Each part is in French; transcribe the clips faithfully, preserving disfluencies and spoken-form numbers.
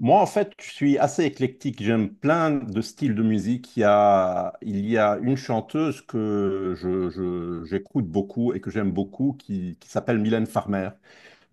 Moi, en fait, je suis assez éclectique. J'aime plein de styles de musique. Il y a, il y a une chanteuse que je, je- j'écoute beaucoup et que j'aime beaucoup qui, qui s'appelle Mylène Farmer.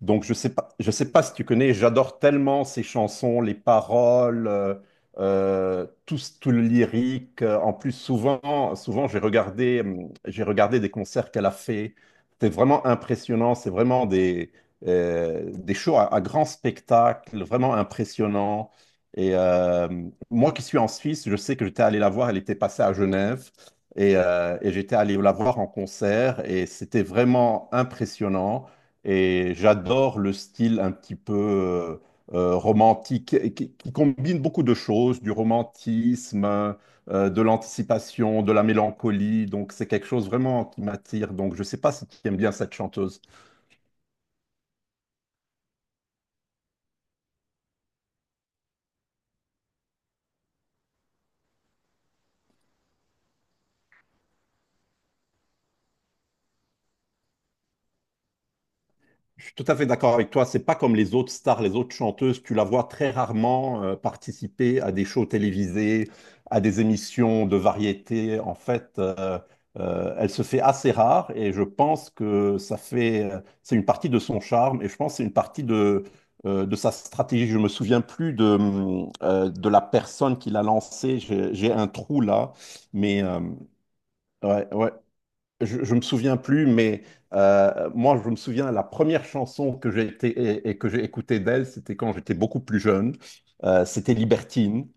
Donc, je sais pas, je sais pas si tu connais, j'adore tellement ses chansons, les paroles, euh, euh, tout, ce- tout le lyrique. En plus, souvent, souvent j'ai regardé, hum, j'ai regardé des concerts qu'elle a fait. C'était vraiment impressionnant. C'est vraiment des, euh, des shows à, à grand spectacle, vraiment impressionnant. Et euh, moi qui suis en Suisse, je sais que j'étais allé la voir. Elle était passée à Genève. Et, euh, et j'étais allé la voir en concert et c'était vraiment impressionnant. Et j'adore le style un petit peu euh, euh, romantique et qui, qui combine beaucoup de choses, du romantisme, euh, de l'anticipation, de la mélancolie. Donc c'est quelque chose vraiment qui m'attire. Donc je ne sais pas si tu aimes bien cette chanteuse. Je suis tout à fait d'accord avec toi. C'est pas comme les autres stars, les autres chanteuses. Tu la vois très rarement euh, participer à des shows télévisés, à des émissions de variété. En fait, euh, euh, elle se fait assez rare et je pense que ça fait, euh, c'est une partie de son charme et je pense que c'est une partie de, euh, de sa stratégie. Je me souviens plus de, hum, euh, de la personne qui l'a lancée. J'ai j'ai un trou là, mais euh, ouais, ouais, je, je me souviens plus, mais euh, moi, je me souviens, la première chanson que j'ai été et, et que j'ai écoutée d'elle, c'était quand j'étais beaucoup plus jeune. Euh, c'était Libertine.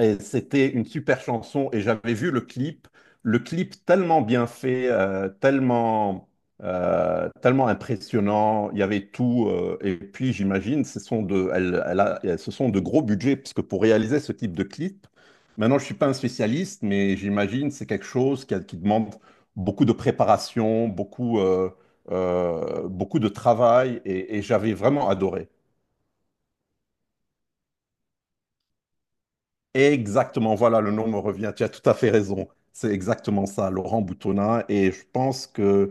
Et c'était une super chanson et j'avais vu le clip, le clip tellement bien fait, euh, tellement, euh, tellement impressionnant. Il y avait tout. Euh, et puis j'imagine, ce sont de, elle, elle a- ce sont de gros budgets parce que pour réaliser ce type de clip, maintenant je suis pas un spécialiste, mais j'imagine c'est quelque chose qui, a- qui demande beaucoup de préparation, beaucoup, euh, euh, beaucoup de travail et et j'avais vraiment adoré. Exactement, voilà, le nom me revient. Tu as tout à fait raison. C'est exactement ça, Laurent Boutonnat. Et je pense que,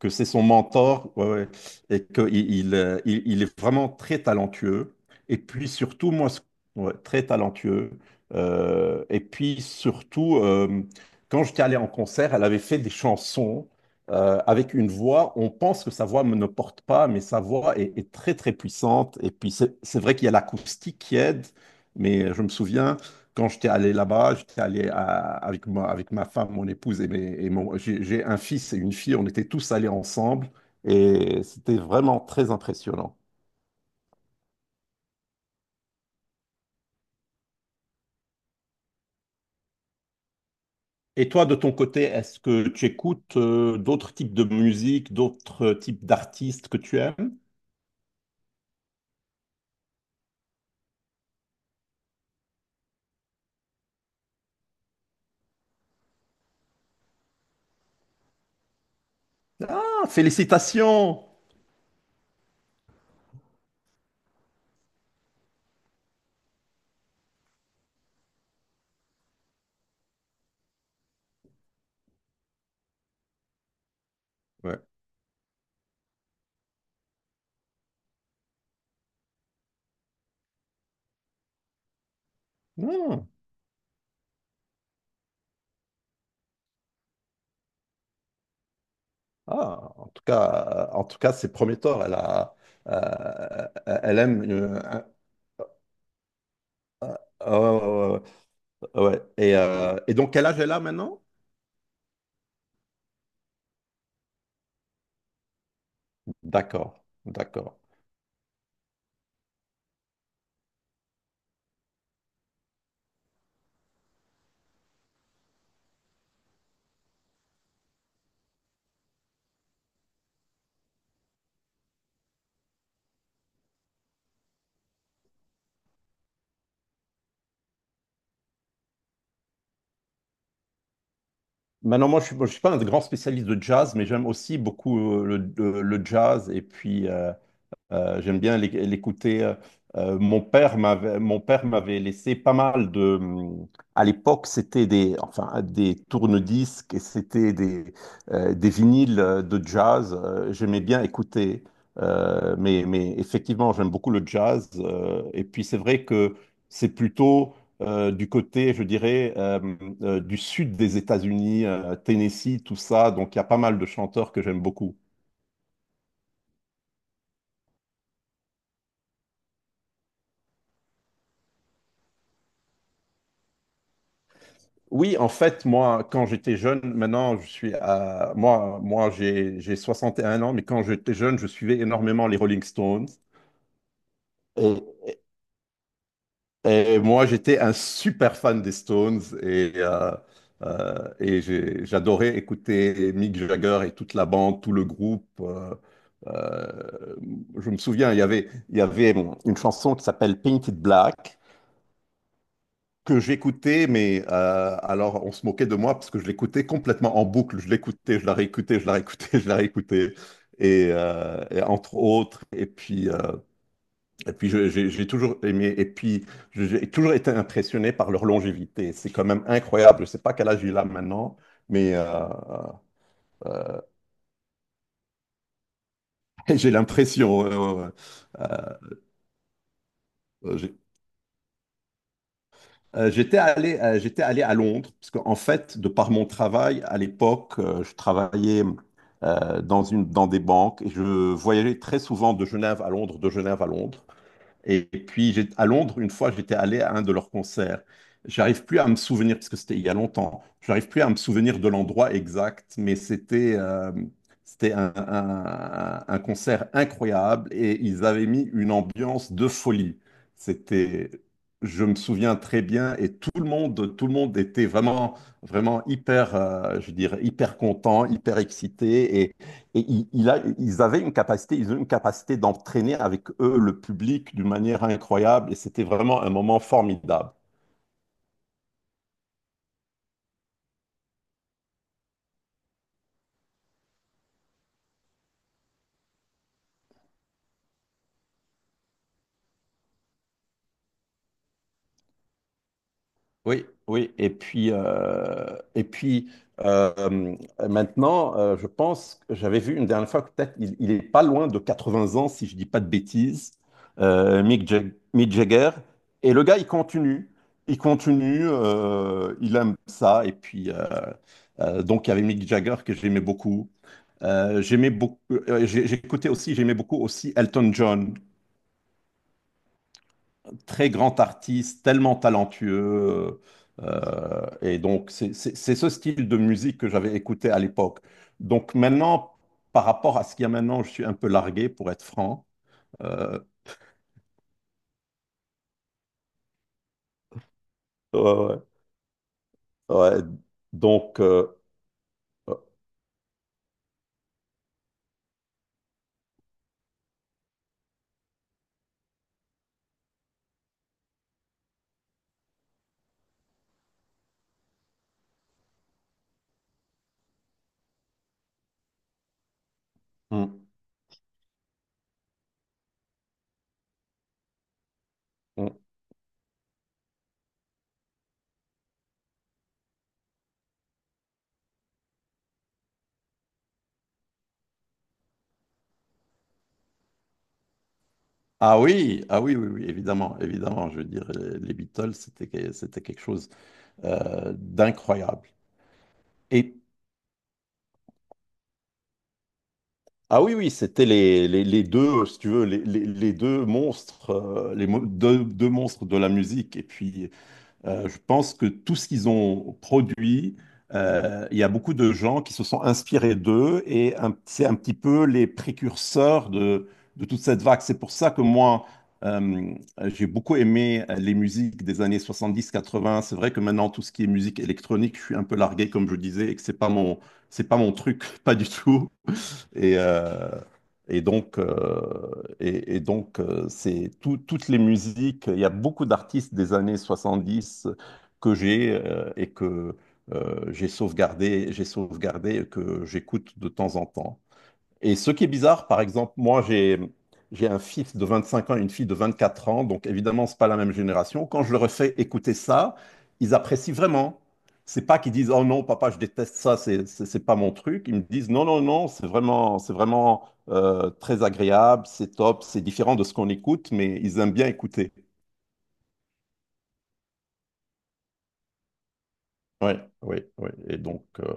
que c'est son mentor, ouais, ouais, et qu'il il, il, euh, il- il est vraiment très talentueux. Et puis surtout, moi, ce- ouais, très talentueux. Euh, et puis surtout, euh, quand j'étais allé en concert, elle avait fait des chansons euh, avec une voix. On pense que sa voix ne porte pas, mais sa voix est, est très, très puissante. Et puis c'est c'est vrai qu'il y a l'acoustique qui aide, mais je me souviens. Quand j'étais allé là-bas, j'étais allé à- avec, moi, avec ma femme, mon épouse et, mes- et mon, j'ai j'ai un fils et une fille. On était tous allés ensemble et c'était vraiment très impressionnant. Et toi, de ton côté, est-ce que tu écoutes euh, d'autres types de musique, d'autres types d'artistes que tu aimes? Ah, félicitations! Ouais. Hmm. Ah, en tout cas, euh, en tout cas, c'est prometteur. Elle a, euh, elle aime. euh, un- oh, ouais. Ouais. Et, euh, et donc, quel âge elle a maintenant? D'accord, d'accord. Maintenant, moi, je ne suis, moi, je suis pas un grand spécialiste de jazz, mais j'aime aussi beaucoup euh, le, le- le jazz et puis euh, Euh, j'aime bien l'éc- l'écouter. Euh, euh, mon père m'avait, mon père m'avait laissé pas mal de. hum, À l'époque, c'était des, enfin, des tourne-disques et c'était des, euh, des vinyles euh, de jazz. Euh, j'aimais bien écouter. Euh, mais, mais effectivement, j'aime beaucoup le jazz. Euh, et puis, c'est vrai que c'est plutôt euh, du côté, je dirais, euh, euh, du sud des États-Unis, euh, Tennessee, tout ça. Donc, il y a pas mal de chanteurs que j'aime beaucoup. Oui, en fait, moi, quand j'étais jeune, maintenant, je suis à... Moi, moi j'ai, j'ai soixante et un ans, mais quand j'étais jeune, je suivais énormément les Rolling Stones. Et, et moi, j'étais un super fan des Stones et, euh, euh, et j'ai- j'adorais écouter Mick Jagger et toute la bande, tout le groupe. euh, euh, je me souviens, il y avait, il y avait une chanson qui s'appelle Painted Black, que j'écoutais, mais euh, alors on se moquait de moi parce que je l'écoutais complètement en boucle. Je l'écoutais, je la réécoutais, je la réécoutais, je la réécoutais. Et, euh, et entre autres, et puis, euh, et puis je- j'ai j'ai toujours aimé, et puis j'ai toujours été impressionné par leur longévité. C'est quand même incroyable. Je ne sais pas quel âge il a maintenant, mais euh, j'ai l'impression, euh, euh, euh, Euh, j'étais allé, euh, j'étais allé à Londres, parce qu'en fait, de par mon travail, à l'époque, euh, je travaillais euh, dans une, dans des banques et je voyageais très souvent de Genève à Londres, de Genève à Londres. Et puis j'ai- à Londres, une fois, j'étais allé à un de leurs concerts. J'arrive plus à me souvenir, parce que c'était il y a longtemps, j'arrive plus à me souvenir de l'endroit exact, mais c'était euh, c'était un, un- un concert incroyable et ils avaient mis une ambiance de folie. C'était, je me souviens très bien et tout le monde, tout le monde était vraiment, vraiment hyper, euh, je dirais, hyper content, hyper excité et il, il a, ils avaient une capacité, ils ont une capacité d'entraîner avec eux le public d'une manière incroyable. Et c'était vraiment un moment formidable. Oui, oui. Et puis, euh, et puis euh, maintenant, euh, je pense que j'avais vu une dernière fois que peut-être il, il est pas loin de quatre-vingts ans, si je dis pas de bêtises, euh, Mick Jag- Mick Jagger. Et le gars, il continue. Il continue, euh, il aime ça. Et puis, euh, euh, donc, il y avait Mick Jagger que j'aimais beaucoup. Euh, j'aimais beaucoup, euh, j'ai- j'écoutais aussi, j'aimais beaucoup aussi Elton John, très grand artiste, tellement talentueux. euh, et donc, c'est c'est- c'est ce style de musique que j'avais écouté à l'époque. Donc maintenant, par rapport à ce qu'il y a maintenant, je suis un peu largué, pour être franc. Euh, ouais, ouais, ouais. Donc, euh, euh, hmm, hmm. Ah oui, ah oui, oui, oui, évidemment, évidemment. Je veux dire, les les Beatles, c'était que- c'était quelque chose euh, d'incroyable. Et ah oui, oui, c'était les, les, les deux, euh, si tu veux, les, les- les deux monstres, euh, les mo- deux, deux monstres de la musique. Et puis, euh, je pense que tout ce qu'ils ont produit, euh, il y a beaucoup de gens qui se sont inspirés d'eux et un- c'est un petit peu les précurseurs de, de toute cette vague. C'est pour ça que moi, euh, j'ai beaucoup aimé euh, les musiques des années soixante-dix, quatre-vingts. C'est vrai que maintenant, tout ce qui est musique électronique, je suis un peu largué, comme je disais, et que c'est pas mon, c'est pas mon truc, pas du tout. Et, euh, et donc, euh, et, et donc euh, c'est tout- toutes les musiques. Il y a beaucoup d'artistes des années soixante-dix que j'ai euh, et que euh, j'ai sauvegardé, j'ai sauvegardé et que j'écoute de temps en temps. Et ce qui est bizarre, par exemple, moi, j'ai, j'ai un fils de vingt-cinq ans et une fille de vingt-quatre ans, donc évidemment, c'est pas la même génération. Quand je leur fais écouter ça, ils apprécient vraiment. C'est pas qu'ils disent, oh non, papa, je déteste ça, c'est, c'est c'est pas mon truc. Ils me disent, non, non, non, c'est vraiment, c'est vraiment euh, très agréable, c'est top, c'est différent de ce qu'on écoute, mais ils aiment bien écouter. Ouais, ouais, ouais. Et donc, euh,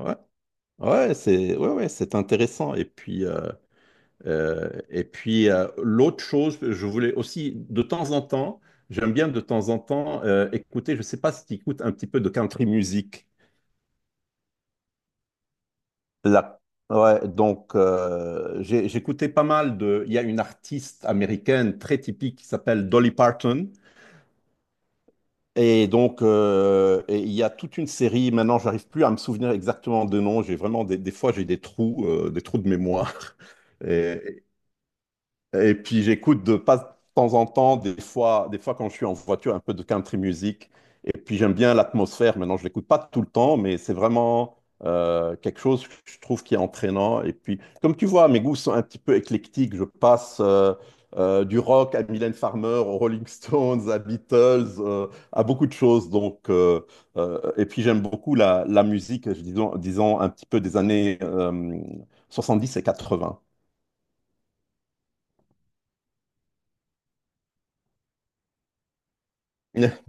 ouais, ouais, c'est, ouais, ouais, c'est intéressant. Et puis, euh, Euh, et puis, euh, l'autre chose, je voulais aussi, de temps en temps, j'aime bien de temps en temps euh, écouter, je ne sais pas si tu écoutes un petit peu de country music. La- Ouais, donc, euh, j'ai- j'écoutais pas mal de... Il y a une artiste américaine très typique qui s'appelle Dolly Parton. Et donc, euh, et il y a toute une série, maintenant, j'arrive plus à me souvenir exactement de nom. J'ai vraiment des, des fois, j'ai des trous, euh, des trous de mémoire. Et, Et puis j'écoute de pas de temps en temps, des fois, des fois quand je suis en voiture, un peu de country music. Et puis j'aime bien l'atmosphère. Maintenant, je l'écoute pas tout le temps, mais c'est vraiment euh, quelque chose que je trouve qui est entraînant. Et puis, comme tu vois, mes goûts sont un petit peu éclectiques. Je passe euh, euh, du rock à Mylène Farmer, aux Rolling Stones, à Beatles, euh, à beaucoup de choses. Donc, euh, euh, et puis j'aime beaucoup la, la musique, je disons, disons un petit peu des années euh, dix et quatre-vingts.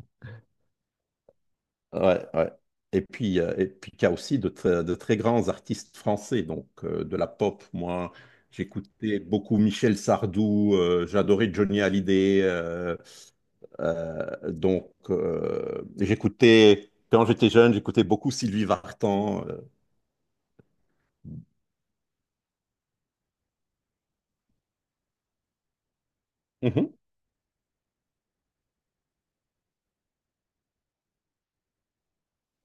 Ouais, ouais. Et puis, euh, et puis il y a aussi de, tr- de très grands artistes français, donc euh, de la pop. Moi, j'écoutais beaucoup Michel Sardou, euh, j'adorais Johnny Hallyday. euh, euh, donc, euh, j'écoutais, quand j'étais jeune, j'écoutais beaucoup Sylvie Vartan. Euh.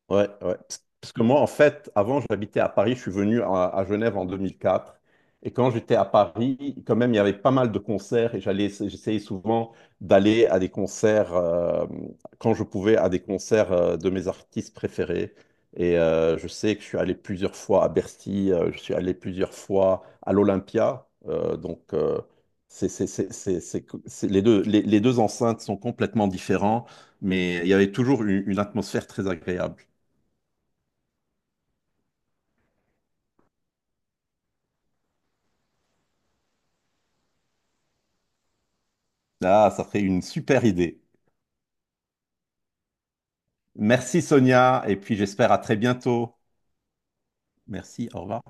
Ouais, ouais. Parce parce que moi, en fait, avant, j'habitais à Paris. Je suis venu à, à Genève en deux mille quatre. Et quand j'étais à Paris, quand même, il y avait pas mal de concerts et j'allais, j'essayais souvent d'aller à des concerts, euh, quand je pouvais, à des concerts euh, de mes artistes préférés. Et euh, je sais que je suis allé plusieurs fois à Bercy, euh, je suis allé plusieurs fois à l'Olympia. Euh, donc, euh, c'est, c'est, c'est, c'est, c'est- c'est- les deux, les les deux enceintes sont complètement différentes, mais il y avait toujours une, une atmosphère très agréable. Ah, ça ferait une super idée. Merci Sonia, et puis j'espère à très bientôt. Merci, au revoir.